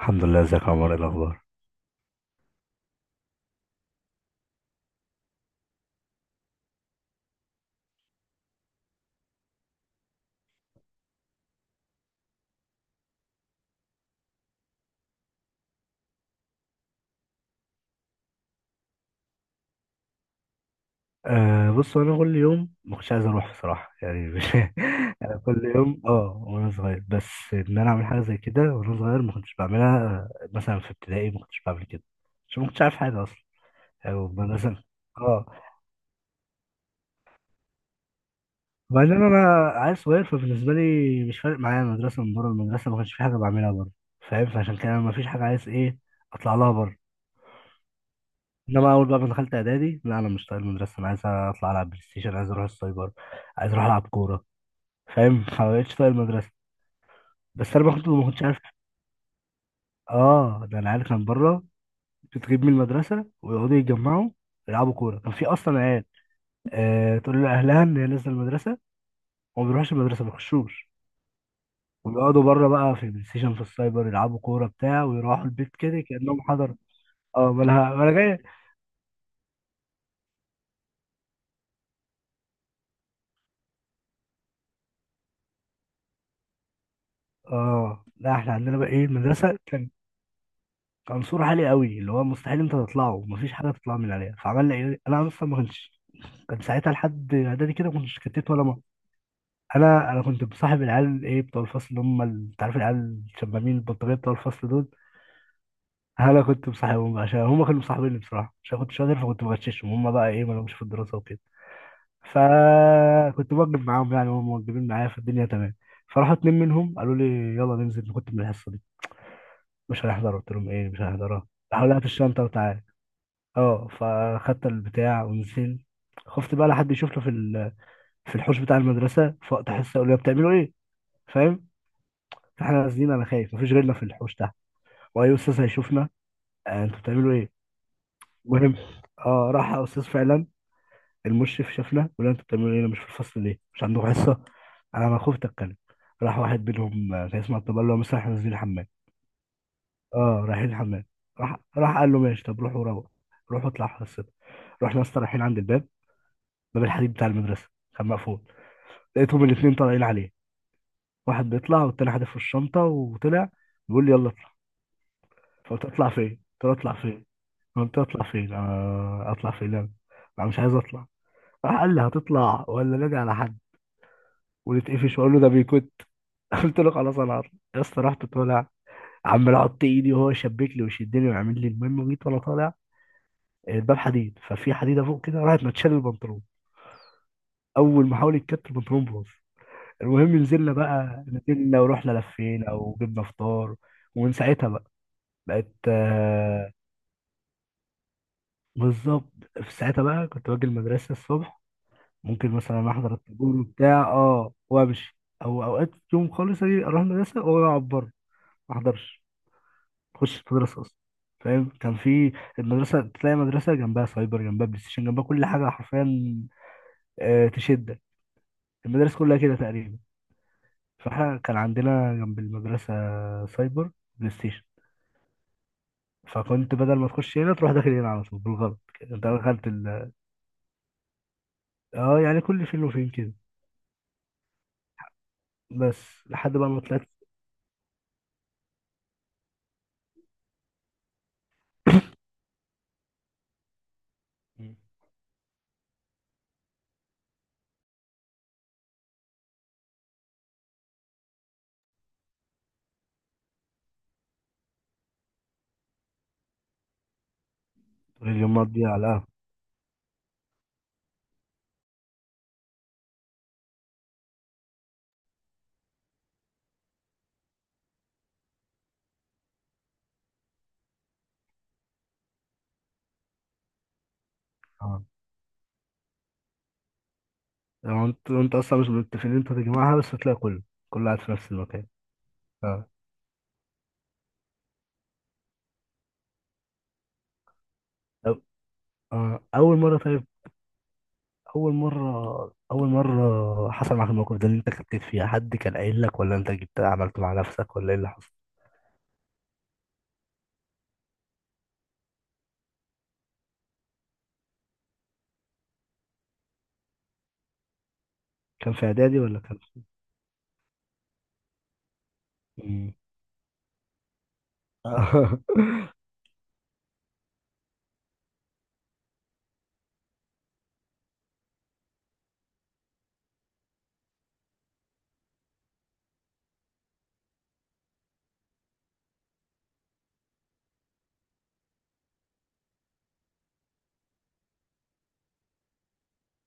الحمد لله، ازيك يا عمر، ايه الاخبار؟ آه بص، انا كل يوم ما كنتش عايز اروح بصراحه، يعني مش انا كل يوم اه وانا صغير، بس ان انا اعمل حاجه زي كده وانا صغير ما كنتش بعملها. آه، مثلا في ابتدائي ما كنتش بعمل كده عشان ما كنتش عارف حاجه اصلا، او مثلا اه. وبعدين انا عيل صغير، فبالنسبه لي مش فارق معايا المدرسه، من بره المدرسه ما كانش في حاجه بعملها بره. فاهم؟ فعشان كده أنا ما فيش حاجه عايز ايه اطلع لها بره. انما اول بقى ما دخلت اعدادي، لا انا مش طايق المدرسه، انا عايز اطلع العب بلاي ستيشن، عايز اروح السايبر، عايز اروح العب كوره. فاهم؟ فمبقتش طايق المدرسة. بس أنا ما كنتش عارف. آه، ده العيال كان بره، بتغيب من المدرسة ويقعدوا يتجمعوا يلعبوا كورة، كان في أصلا عيال آه تقول لأهلها إن هي نازلة المدرسة، وما بيروحش المدرسة، ما بيخشوش، ويقعدوا بره بقى في البلاي ستيشن، في السايبر، يلعبوا كورة بتاع ويروحوا البيت كده كأنهم حضر. آه مالها جاية. آه لا، إحنا عندنا بقى إيه المدرسة، كان كان سور عالي قوي اللي هو مستحيل أنت تطلعه، مفيش حاجة تطلع من عليها. فعملنا إيه؟ أنا أصلا ما كنتش، كان ساعتها لحد إعدادي كده ما كنتش كتت ولا، انا كنت بصاحب العيال ايه بتوع الفصل اللي هم ال-، انت عارف العيال الشمامين البلطجيه بتوع الفصل دول، انا كنت مصاحبهم بقى عشان هم كانوا مصاحبيني بصراحه، عشان كنت شاطر فكنت بغششهم، هم بقى ايه ما لهمش في الدراسه وكده، فكنت بوجب معاهم، يعني هم موجبين معايا، فالدنيا تمام. فراحوا اتنين منهم قالوا لي، يلا ننزل كنت من الحصه دي، مش هنحضر. قلت لهم ايه مش هنحضرها. راحوا لقيت الشنطه وتعالى. اه فخدت البتاع ونزلت. خفت بقى لحد يشوفنا في ال-، في الحوش بتاع المدرسه في وقت حصه يقول لي بتعملوا ايه. فاهم؟ فاحنا نازلين انا خايف، مفيش غيرنا في الحوش ده، واي استاذ هيشوفنا، آه انتوا بتعملوا ايه. المهم اه، راح استاذ فعلا المشرف شافنا، ولا انتوا بتعملوا ايه، أنا مش في الفصل ليه، مش عندكم حصه. انا ما خفت اتكلم، راح واحد منهم آه، كان اسمه عبد الله، اللي هو مثلا احنا نازلين الحمام. اه رايحين الحمام. راح قال له ماشي، طب روحوا، روح روحوا اطلعوا حصتكم. رحنا اصلا رايحين عند الباب، باب الحديد بتاع المدرسه كان مقفول، لقيتهم الاثنين طالعين عليه، واحد بيطلع والتاني حادف في الشنطه وطلع، بيقول لي يلا. فقلت اطلع فين، قلت له اطلع فين، اطلع فين انا، انا مش عايز اطلع. راح قال لي هتطلع ولا نادي على حد ونتقفش واقول له ده بيكت. قلت له خلاص انا هطلع. يا اسطى رحت طالع، عمال احط ايدي وهو يشبك لي ويشدني ويعمل لي. المهم جيت وانا طالع، الباب حديد ففي حديده فوق كده، راحت متشال البنطلون، اول ما حاول يتكت البنطلون باظ. المهم نزلنا بقى، نزلنا ورحنا لفينا وجبنا فطار. ومن ساعتها بقى بقت آه، بالظبط. في ساعتها بقى كنت باجي المدرسة الصبح، ممكن مثلا أحضر الطابور وبتاع اه وأمشي، أو أوقات يوم خالص أجي أروح المدرسة وأقعد بره، ما أحضرش، ما أخشش المدرسة أصلا. فاهم؟ كان في المدرسة، تلاقي مدرسة جنبها سايبر، جنبها بلاي ستيشن، جنبها كل حاجة حرفيا آه، تشدك. المدارس كلها كده تقريبا. فاحنا كان عندنا جنب المدرسة سايبر، بلاي ستيشن، فكنت بدل ما تخش هنا تروح داخل هنا على طول بالغلط كده. انت دخلت ال... اه، يعني كل فين وفين كده، بس لحد بقى ما طلعت. مم. اليومات دي على القهوة. اه، يعني انت اصلا مش متفقين إن انت تجمعها، بس هتلاقي كله، كله قاعد في نفس المكان. اه طب، آه. اول مرة، طيب اول مرة، اول مرة حصل معاك الموقف ده اللي انت كتبت فيها، حد كان قايل لك، ولا انت جبت عملته مع نفسك، ولا ايه اللي حصل؟ كان في اعدادي ولا كان في؟ مم. اه.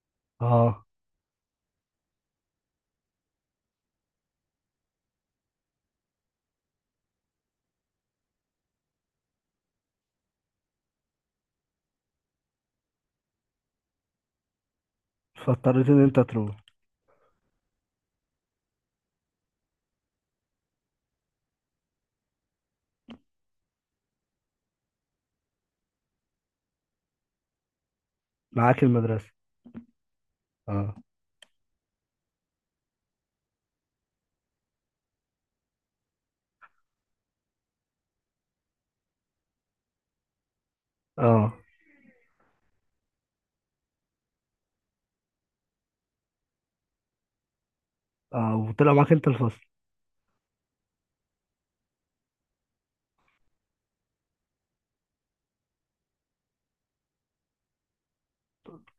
اه. فاضطريت ان انت تروح. معاك المدرسة. اه. اه. اه وطلع معاك انت الفصل.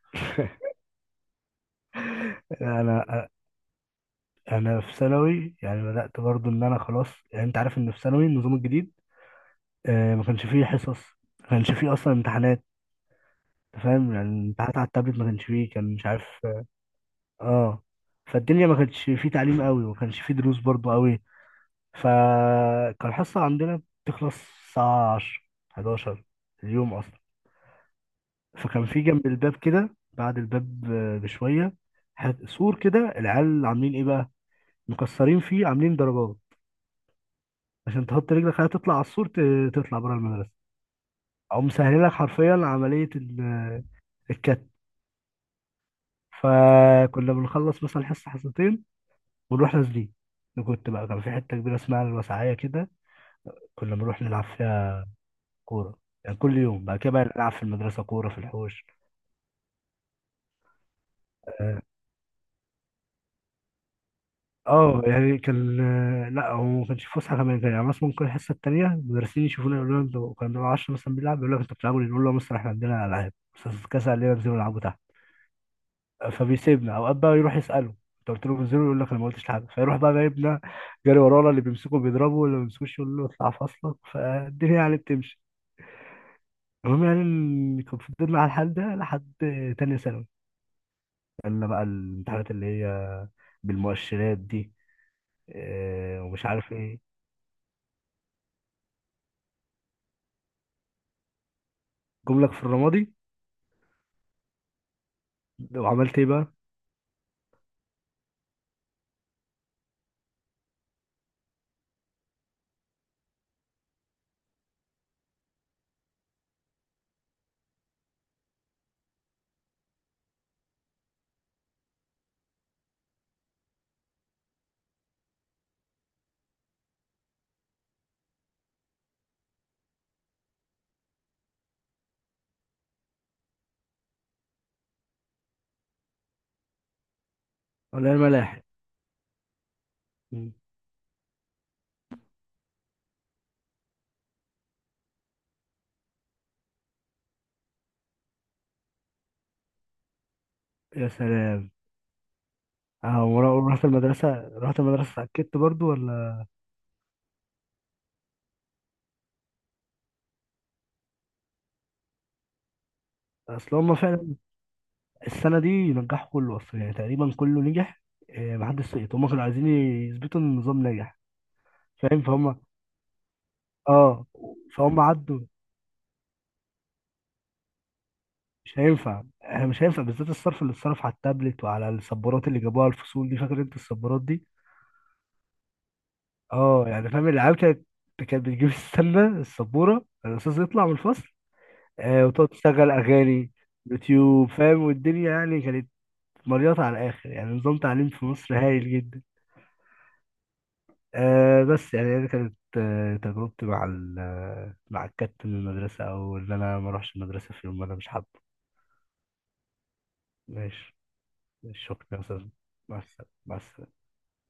انا انا في ثانوي يعني بدات برضو، ان انا خلاص، يعني انت عارف ان في ثانوي النظام الجديد، آه ما كانش فيه حصص، ما كانش فيه اصلا امتحانات. أنت فاهم؟ يعني الامتحانات على التابلت، ما كانش فيه، كان مش عارف. اه، فالدنيا ما كانش فيه تعليم قوي، وما كانش فيه دروس برضو قوي. فكان الحصه عندنا بتخلص الساعه 10، 11 اليوم اصلا. فكان في جنب الباب كده بعد الباب آه، بشويه، حت- سور كده العيال عاملين ايه بقى، مكسرين فيه عاملين درجات، عشان تحط رجلك خلاص تطلع على السور ت- تطلع بره المدرسة. أو مسهلة لك حرفيا عملية ال-، الكت. فكنا بنخلص مثلا حصة حصتين ونروح نازلين. أنا كنت بقى كان في حتة كبيرة اسمها الوسعية كده، كنا بنروح نلعب فيها كورة. يعني كل يوم بعد كده بقى نلعب في المدرسة كورة في الحوش. اه، آه، يعني كان آه، لا هو ما كانش فسحة كمان، كان يعني مثلا ممكن الحصة التانية المدرسين يشوفونا، يقولوا لنا انتوا كانوا، بنبقى 10 مثلا بيلعب، يقول لك انتوا بتلعبوا ليه؟ نقول لهم مثلا احنا عندنا ألعاب، بس كاس علينا ننزلوا نلعبوا. فبيسيبنا اوقات بقى، يروح يساله انت قلت له بنزله، يقول لك انا ما قلتش لحد، فيروح بقى جايبنا، جري ورانا، اللي بيمسكه بيضربه، واللي ما بيمسكوش يقول له اطلع فصلك. فالدنيا يعني بتمشي. المهم يعني إن كان فضلنا على الحال ده لحد تانية ثانوي، قالنا بقى الامتحانات اللي هي بالمؤشرات دي آه، ومش عارف ايه. جملك في الرمادي. وعملت ايه بقى؟ ولا الملاحق. مم. يا سلام. اه ورا-، ورحت المدرسة، رحت المدرسة اتأكدت برضو ولا؟ اصل هما فعلا السنة دي نجحوا كله أصلا، يعني تقريبا كله نجح آه، محدش سقط، هما كانوا عايزين يثبتوا إن النظام ناجح. فاهم؟ فهم اه، فهم عدوا. مش هينفع، احنا مش هينفع، بالذات الصرف اللي اتصرف على التابلت وعلى السبورات اللي جابوها الفصول دي، فاكر انت السبورات دي؟ اه، يعني فاهم العيال كانت كانت بتجيب السله السبوره، الاستاذ يطلع من الفصل، آه وتقعد تشغل اغاني يوتيوب. فاهم؟ والدنيا يعني كانت مليطه على الاخر، يعني نظام تعليم في مصر هايل جدا. آه، بس يعني دي كانت آه تجربتي مع ال آه، مع الكابتن من المدرسة، أو إن أنا ما أروحش المدرسة في يوم ما أنا مش حابه. ماشي. ماشي، شكرا يا أستاذ. مع السلامة، مع السلامة.